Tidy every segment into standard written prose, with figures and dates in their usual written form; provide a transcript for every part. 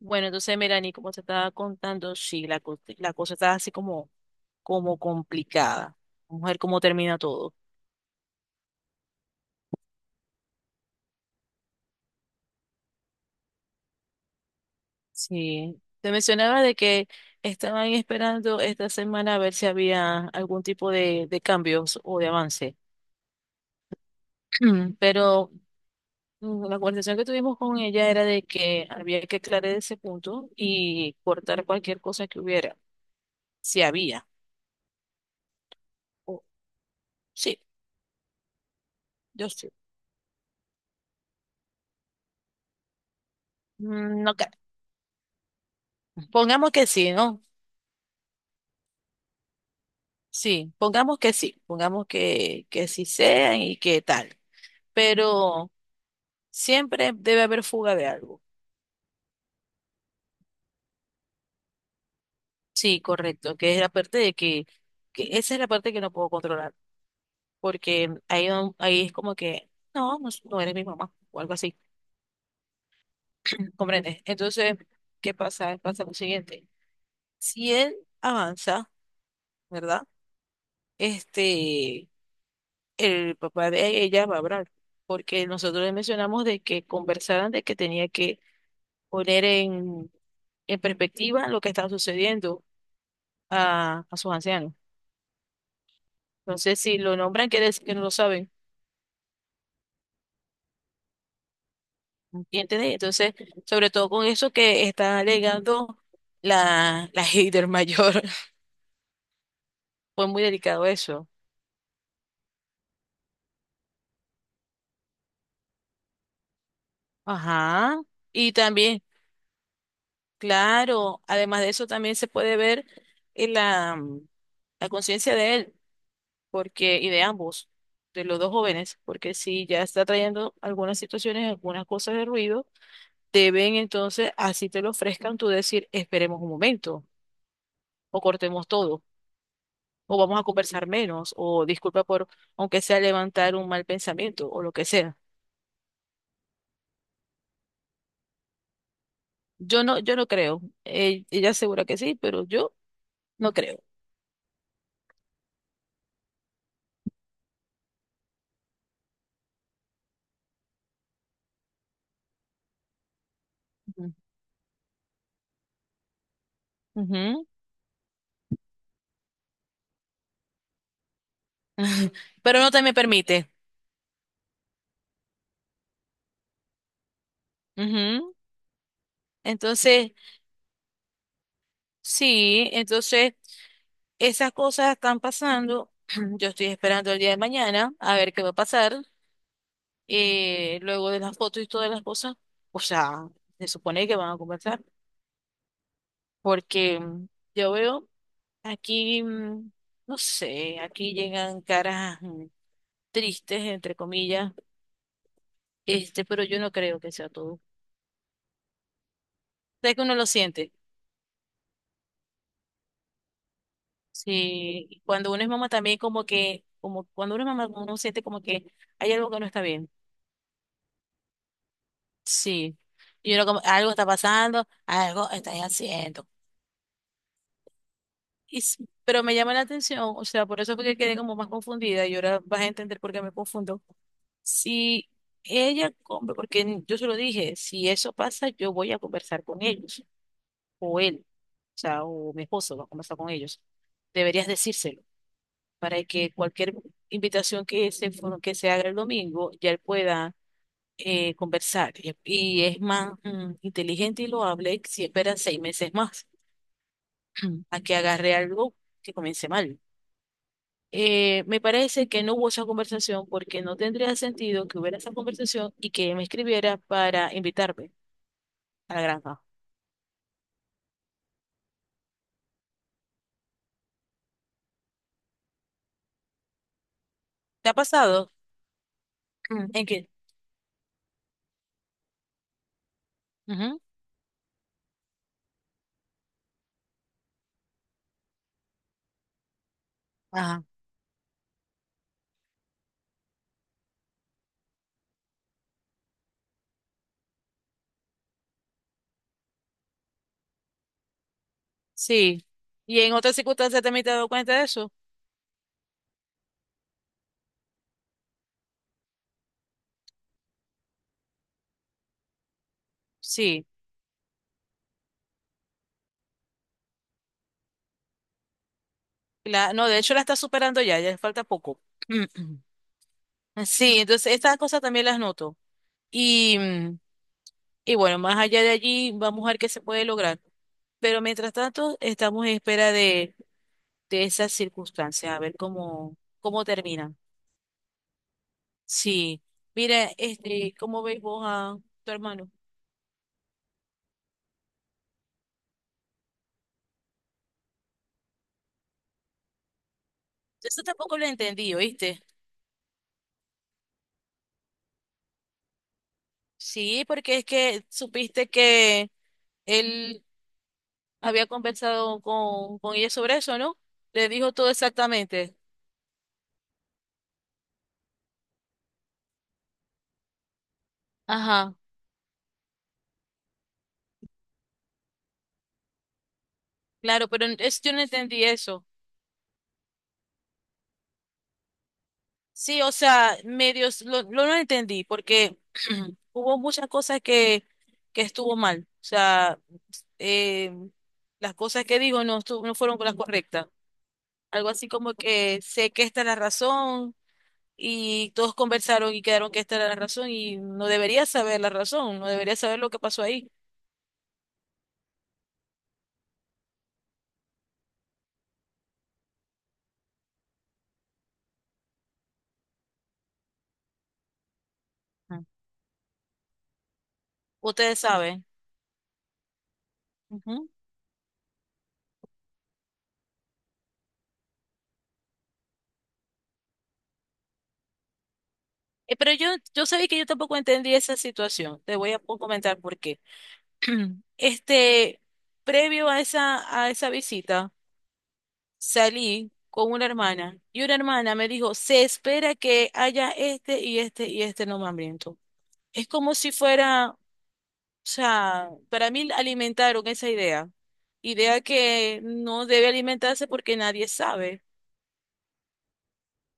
Bueno, entonces, mira, ni como te estaba contando, sí, la, la cosa está así como, como complicada. Vamos a ver cómo termina todo. Sí. Te mencionaba de que estaban esperando esta semana a ver si había algún tipo de cambios o de avance. Mm, Pero la conversación que tuvimos con ella era de que había que aclarar ese punto y cortar cualquier cosa que hubiera, si había. O- sí, yo sí. No, pongamos que sí, ¿no? Sí, pongamos que sí, pongamos que sí sean y que tal, pero siempre debe haber fuga de algo. Sí, correcto, que esa es la parte que no puedo controlar, porque ahí, ahí es como que, no, no, no eres mi mamá o algo así, ¿comprendes? Entonces, ¿qué pasa? Pasa lo siguiente, si él avanza, ¿verdad? Este, el papá de ella va a hablar, porque nosotros le mencionamos de que conversaran de que tenía que poner en, en perspectiva lo que está sucediendo a sus ancianos. Entonces, si lo nombran, quiere decir que no lo saben. ¿Entiendes? Entonces, sobre todo con eso que está alegando la hater mayor. Fue muy delicado eso. Ajá. Y también, claro, además de eso, también se puede ver en la conciencia de él, porque, y de ambos, de los dos jóvenes, porque si ya está trayendo algunas situaciones, algunas cosas de ruido deben entonces, así te lo ofrezcan, tú decir, esperemos un momento, o cortemos todo, o vamos a conversar menos, o disculpa por, aunque sea levantar un mal pensamiento, o lo que sea. Yo no creo. Ella asegura que sí, pero yo no creo. Ujú. Ujú. Pero no te me permite. Ujú. Entonces, sí, entonces esas cosas están pasando. Yo estoy esperando el día de mañana a ver qué va a pasar. Luego de las fotos y todas las cosas, o sea, se supone que van a conversar, porque yo veo aquí, no sé, aquí llegan caras tristes, entre comillas, este, pero yo no creo que sea todo. Sé que uno lo siente, sí, y cuando uno es mamá también como que, como cuando uno es mamá uno siente como que hay algo que no está bien, sí. Y uno como, algo está pasando, algo estás haciendo. Y sí, pero me llama la atención, o sea, por eso fue que quedé como más confundida y ahora vas a entender por qué me confundo. Si ella come, porque yo se lo dije, si eso pasa, yo voy a conversar con ellos, o él, o sea, o mi esposo va a conversar con ellos. Deberías decírselo para que cualquier invitación que se haga el domingo, ya él pueda conversar. Y es más inteligente y lo hable si espera 6 meses más a que agarre algo que comience mal. Me parece que no hubo esa conversación porque no tendría sentido que hubiera esa conversación y que me escribiera para invitarme a la granja. ¿Te ha pasado? Mm. ¿En qué? Ujú. Ajá. Sí. ¿Y en otras circunstancias también te has dado cuenta de eso? Sí. La, no, de hecho la está superando ya, ya le falta poco. Sí, entonces estas cosas también las noto. Y, mm, y bueno, más allá de allí, vamos a ver qué se puede lograr. Pero mientras tanto, estamos en espera de esas circunstancias, a ver cómo, cómo terminan. Sí, mira, este, ¿cómo veis vos a tu hermano? Eso tampoco lo entendí, ¿oíste? Sí, porque es que supiste que él había conversado con ella sobre eso, ¿no? Le dijo todo exactamente. Ajá, claro, pero es, yo no entendí eso. Sí, o sea, medios lo no entendí, porque hubo muchas cosas que estuvo mal. O sea, eh, las cosas que digo no, no fueron las correctas. Algo así como que sé que esta es la razón y todos conversaron y quedaron que esta era la razón y no debería saber la razón, no debería saber lo que pasó ahí. Ah, ustedes saben. Ujú. Pero yo sabía que yo tampoco entendí esa situación. Te voy a comentar por qué. Este, previo a a esa visita, salí con una hermana y una hermana me dijo, se espera que haya este y este y este nombramiento. Es como si fuera, o sea, para mí alimentaron esa idea, idea que no debe alimentarse porque nadie sabe,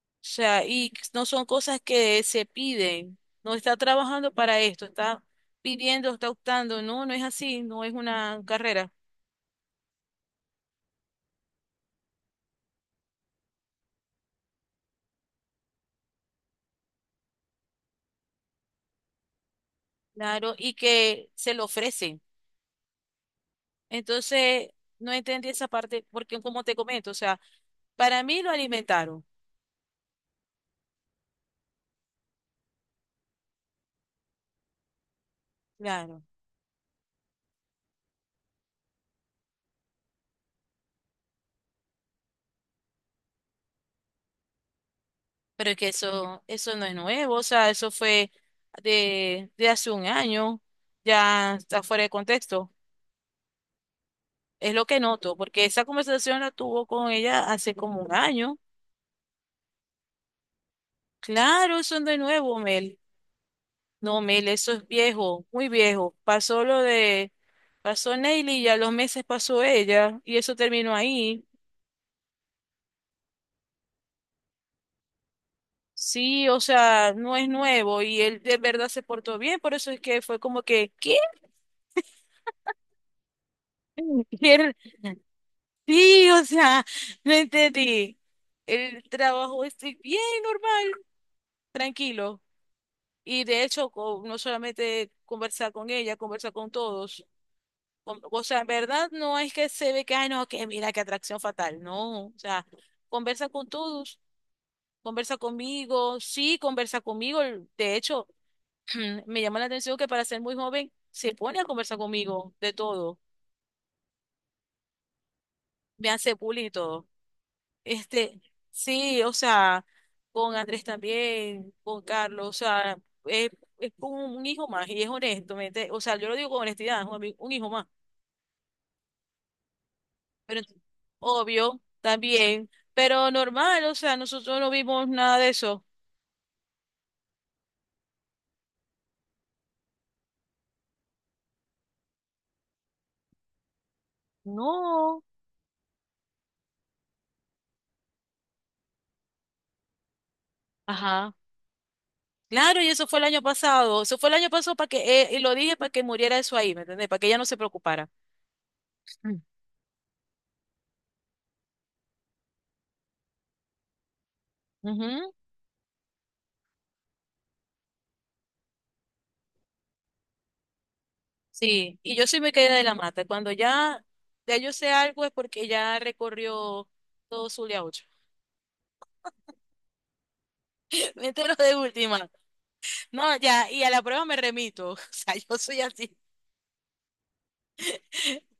o sea, y no son cosas que se piden, no está trabajando para esto, está pidiendo, está optando, no, no es así, no es una carrera, claro, y que se lo ofrecen. Entonces, no entendí esa parte porque, como te comento, o sea, para mí lo alimentaron, claro. Pero es que eso no es nuevo, o sea, eso fue de hace un año, ya está fuera de contexto. Es lo que noto, porque esa conversación la tuvo con ella hace como un año. Claro, eso no es nuevo, Mel. No, Mel, eso es viejo, muy viejo. Pasó Neily y a los meses pasó ella, y eso terminó ahí. Sí, o sea, no es nuevo y él de verdad se portó bien, por eso es que fue como que, ¿qué? Y él, sí, o sea, no entendí. El trabajo es bien normal, tranquilo. Y de hecho, no solamente conversar con ella, conversar con todos. O sea, en verdad no es que se ve que, ay, no, que mira, qué atracción fatal. No, o sea, conversa con todos, conversa conmigo, sí, conversa conmigo. De hecho, me llama la atención que para ser muy joven se pone a conversar conmigo de todo. Me hace bullying y todo. Este, sí, o sea, con Andrés también, con Carlos, o sea, es, es un hijo más y es honesto, ¿me entiendes? O sea, yo lo digo con honestidad, es un, un hijo más, pero obvio, también, pero normal, o sea, nosotros no vimos nada de eso. No, ajá. Claro, y eso fue el año pasado, eso fue el año pasado para que, y lo dije para que muriera eso ahí, ¿me entendés? Para que ella no se preocupara. Mm. Ujú. Sí, y yo sí me quedé de la mata. Cuando ya, ya yo sé algo es porque ya recorrió todo Zulia 8. Me entero de última. No, ya, y a la prueba me remito. O sea, yo soy así.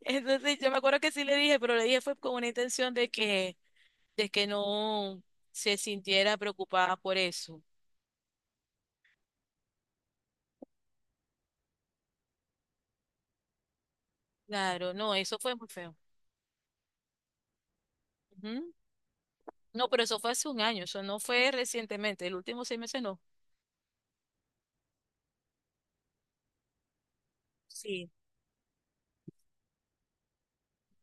Entonces, yo me acuerdo que sí le dije, pero le dije fue con una intención de que no se sintiera preocupada por eso. Claro, no, eso fue muy feo. Ujú. No, pero eso fue hace un año, eso no fue recientemente. El último seis meses no. Sí.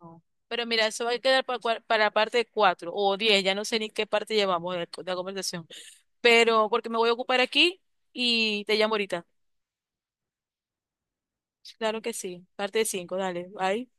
No. Pero mira, eso va a quedar para, la parte 4 o 10 ya no sé ni qué parte llevamos de, la conversación. Pero porque me voy a ocupar aquí y te llamo ahorita. Claro que sí, parte 5 dale, bye.